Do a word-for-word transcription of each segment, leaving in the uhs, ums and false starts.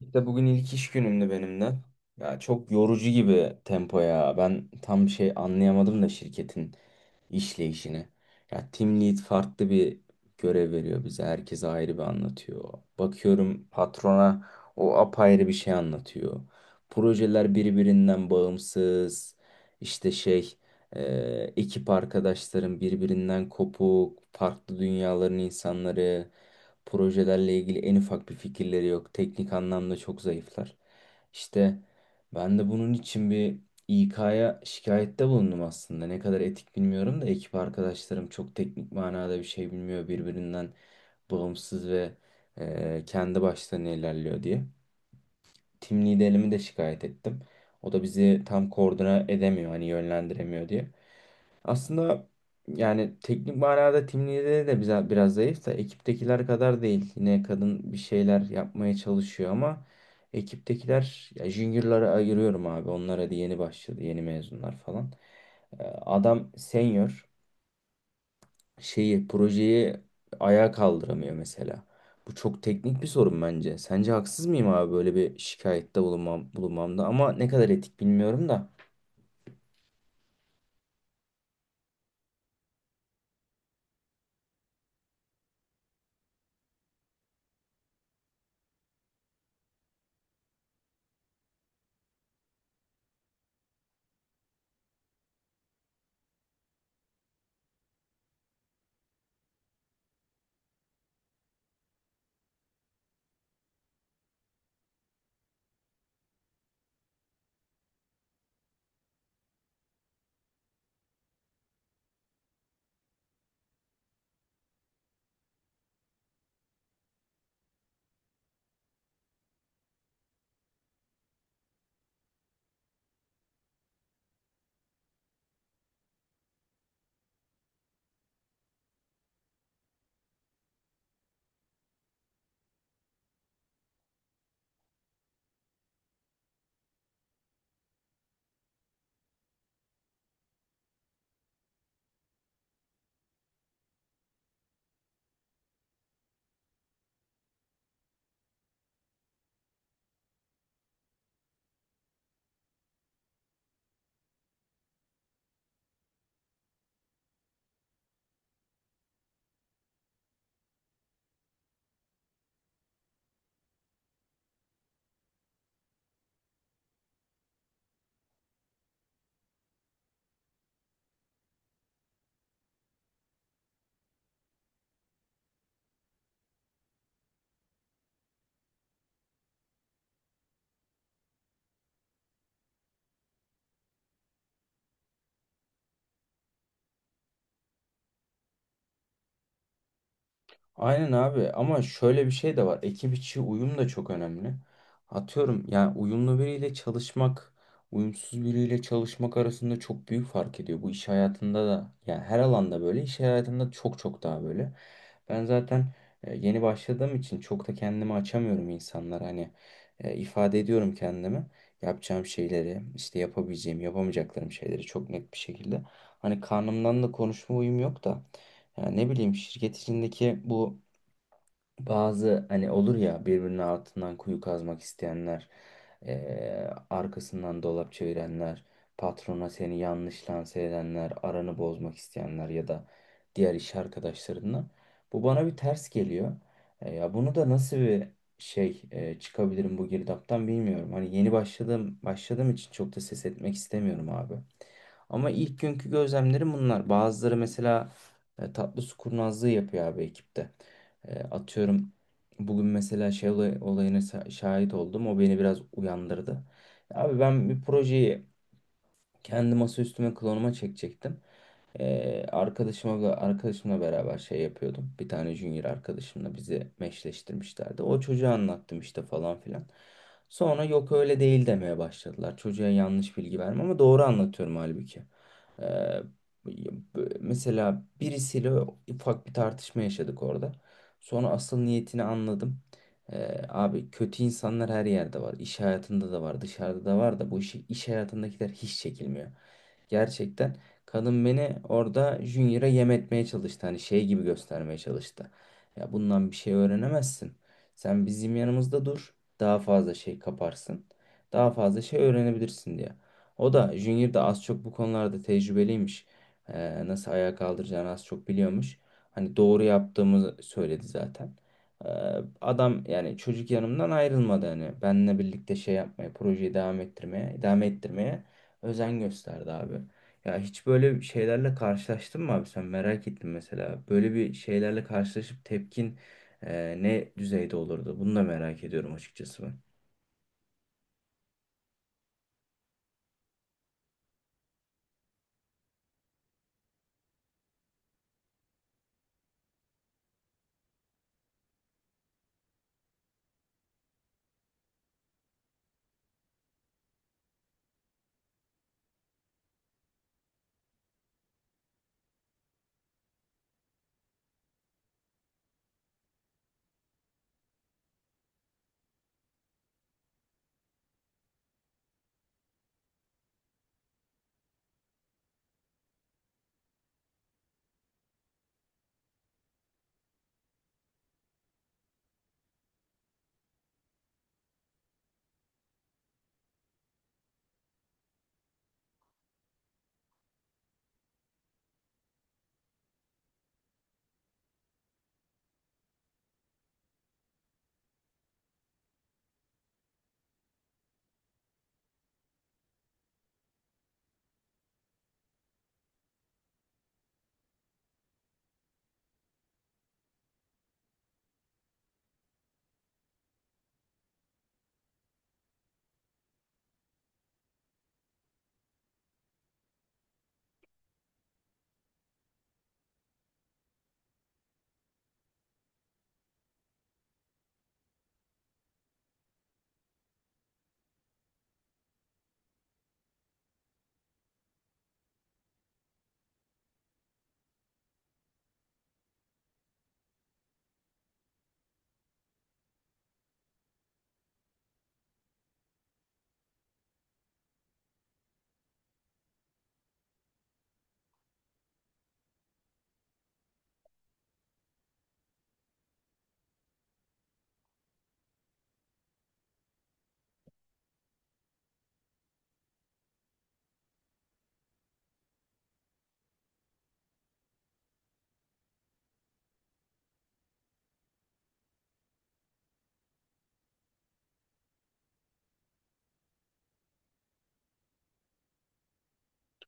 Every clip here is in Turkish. İşte bugün ilk iş günümdü benim de. Ya çok yorucu gibi tempo ya. Ben tam şey anlayamadım da şirketin işleyişini. Ya team lead farklı bir görev veriyor bize. Herkese ayrı bir anlatıyor. Bakıyorum patrona o apayrı bir şey anlatıyor. Projeler birbirinden bağımsız. İşte şey e, Ekip arkadaşlarım birbirinden kopuk. Farklı dünyaların insanları. Projelerle ilgili en ufak bir fikirleri yok. Teknik anlamda çok zayıflar. İşte ben de bunun için bir İK'ya şikayette bulundum aslında. Ne kadar etik bilmiyorum da ekip arkadaşlarım çok teknik manada bir şey bilmiyor. Birbirinden bağımsız ve e, kendi başlarına ilerliyor diye. Tim liderimi de şikayet ettim. O da bizi tam koordine edemiyor, hani yönlendiremiyor diye. Aslında yani teknik manada tim lideri de bize biraz zayıf da ekiptekiler kadar değil. Yine kadın bir şeyler yapmaya çalışıyor ama ekiptekiler ya juniorlara ayırıyorum abi. Onlar hadi yeni başladı, yeni mezunlar falan. Ee, Adam senior şeyi projeyi ayağa kaldıramıyor mesela. Bu çok teknik bir sorun bence. Sence haksız mıyım abi böyle bir şikayette bulunmam, bulunmamda ama ne kadar etik bilmiyorum da. Aynen abi ama şöyle bir şey de var. Ekip içi uyum da çok önemli. Atıyorum yani uyumlu biriyle çalışmak, uyumsuz biriyle çalışmak arasında çok büyük fark ediyor. Bu iş hayatında da yani her alanda böyle iş hayatında çok çok daha böyle. Ben zaten e, yeni başladığım için çok da kendimi açamıyorum insanlar hani e, ifade ediyorum kendimi. Yapacağım şeyleri, işte yapabileceğim, yapamayacaklarım şeyleri çok net bir şekilde. Hani karnımdan da konuşma uyum yok da yani ne bileyim şirket içindeki bu bazı hani olur ya birbirinin altından kuyu kazmak isteyenler, eee, arkasından dolap çevirenler, patrona seni yanlış lanse edenler, aranı bozmak isteyenler ya da diğer iş arkadaşlarından. Bu bana bir ters geliyor. E, ya bunu da nasıl bir şey e, çıkabilirim bu girdaptan bilmiyorum. Hani yeni başladığım başladığım için çok da ses etmek istemiyorum abi. Ama ilk günkü gözlemlerim bunlar. Bazıları mesela e, tatlı su kurnazlığı yapıyor abi ekipte. E, atıyorum bugün mesela şey olay- olayına sa- şahit oldum. O beni biraz uyandırdı. Abi ben bir projeyi kendi masaüstüme klonuma çekecektim. Ee, arkadaşımla arkadaşımla beraber şey yapıyordum. Bir tane junior arkadaşımla bizi meşleştirmişlerdi. O çocuğa anlattım işte falan filan. Sonra yok öyle değil demeye başladılar. Çocuğa yanlış bilgi verme ama doğru anlatıyorum halbuki. Ee, b- mesela birisiyle ufak bir tartışma yaşadık orada. Sonra asıl niyetini anladım. Ee, abi kötü insanlar her yerde var. İş hayatında da var, dışarıda da var da bu işi iş hayatındakiler hiç çekilmiyor. Gerçekten kadın beni orada Junior'a yem etmeye çalıştı. Hani şey gibi göstermeye çalıştı. Ya bundan bir şey öğrenemezsin. Sen bizim yanımızda dur. Daha fazla şey kaparsın. Daha fazla şey öğrenebilirsin diye. O da Junior da az çok bu konularda tecrübeliymiş. Ee, nasıl ayağa kaldıracağını az çok biliyormuş. Hani doğru yaptığımı söyledi zaten. Ee, adam yani çocuk yanımdan ayrılmadı hani. Benimle birlikte şey yapmaya, projeyi devam ettirmeye, devam ettirmeye özen gösterdi abi. Ya hiç böyle şeylerle karşılaştın mı abi sen merak ettim mesela. Böyle bir şeylerle karşılaşıp tepkin e, ne düzeyde olurdu? Bunu da merak ediyorum açıkçası ben.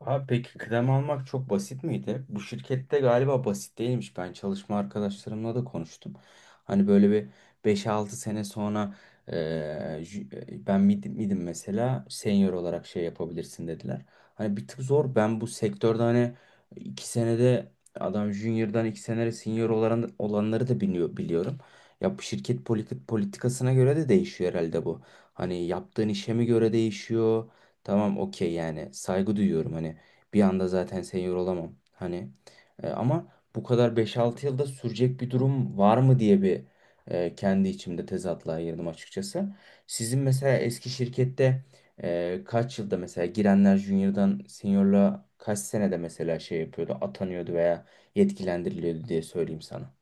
Abi peki kıdem almak çok basit miydi? Bu şirkette galiba basit değilmiş. Ben çalışma arkadaşlarımla da konuştum. Hani böyle bir beş altı sene sonra eee, jü- e, ben mid, midim mesela senior olarak şey yapabilirsin dediler. Hani bir tık zor. Ben bu sektörde hani iki senede adam junior'dan iki senede senior olan, olanları da biliyor, biliyorum. Ya bu şirket politik, politikasına göre de değişiyor herhalde bu. Hani yaptığın işe mi göre değişiyor? Tamam okey yani saygı duyuyorum hani bir anda zaten senior olamam hani. E, ama bu kadar beş altı yılda sürecek bir durum var mı diye bir e, kendi içimde tezatlığa girdim açıkçası. Sizin mesela eski şirkette e, kaç yılda mesela girenler junior'dan seniorluğa kaç senede mesela şey yapıyordu atanıyordu veya yetkilendiriliyordu diye söyleyeyim sana.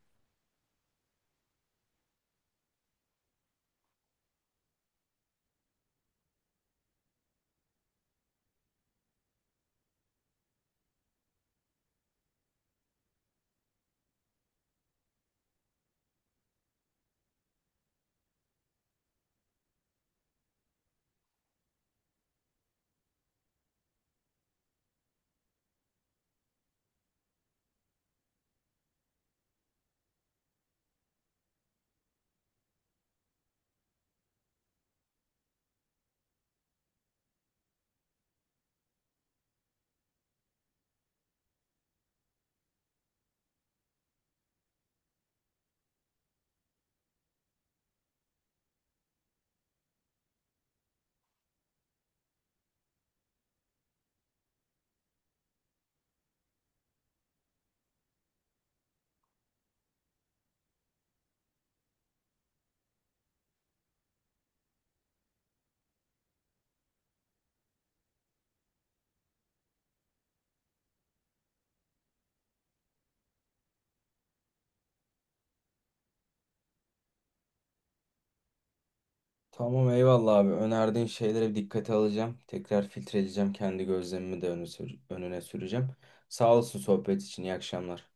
Tamam eyvallah abi. Önerdiğin şeylere bir dikkate alacağım. Tekrar filtreleyeceğim. Kendi gözlemimi de öne, sür- önüne süreceğim. Sağ olasın sohbet için. İyi akşamlar.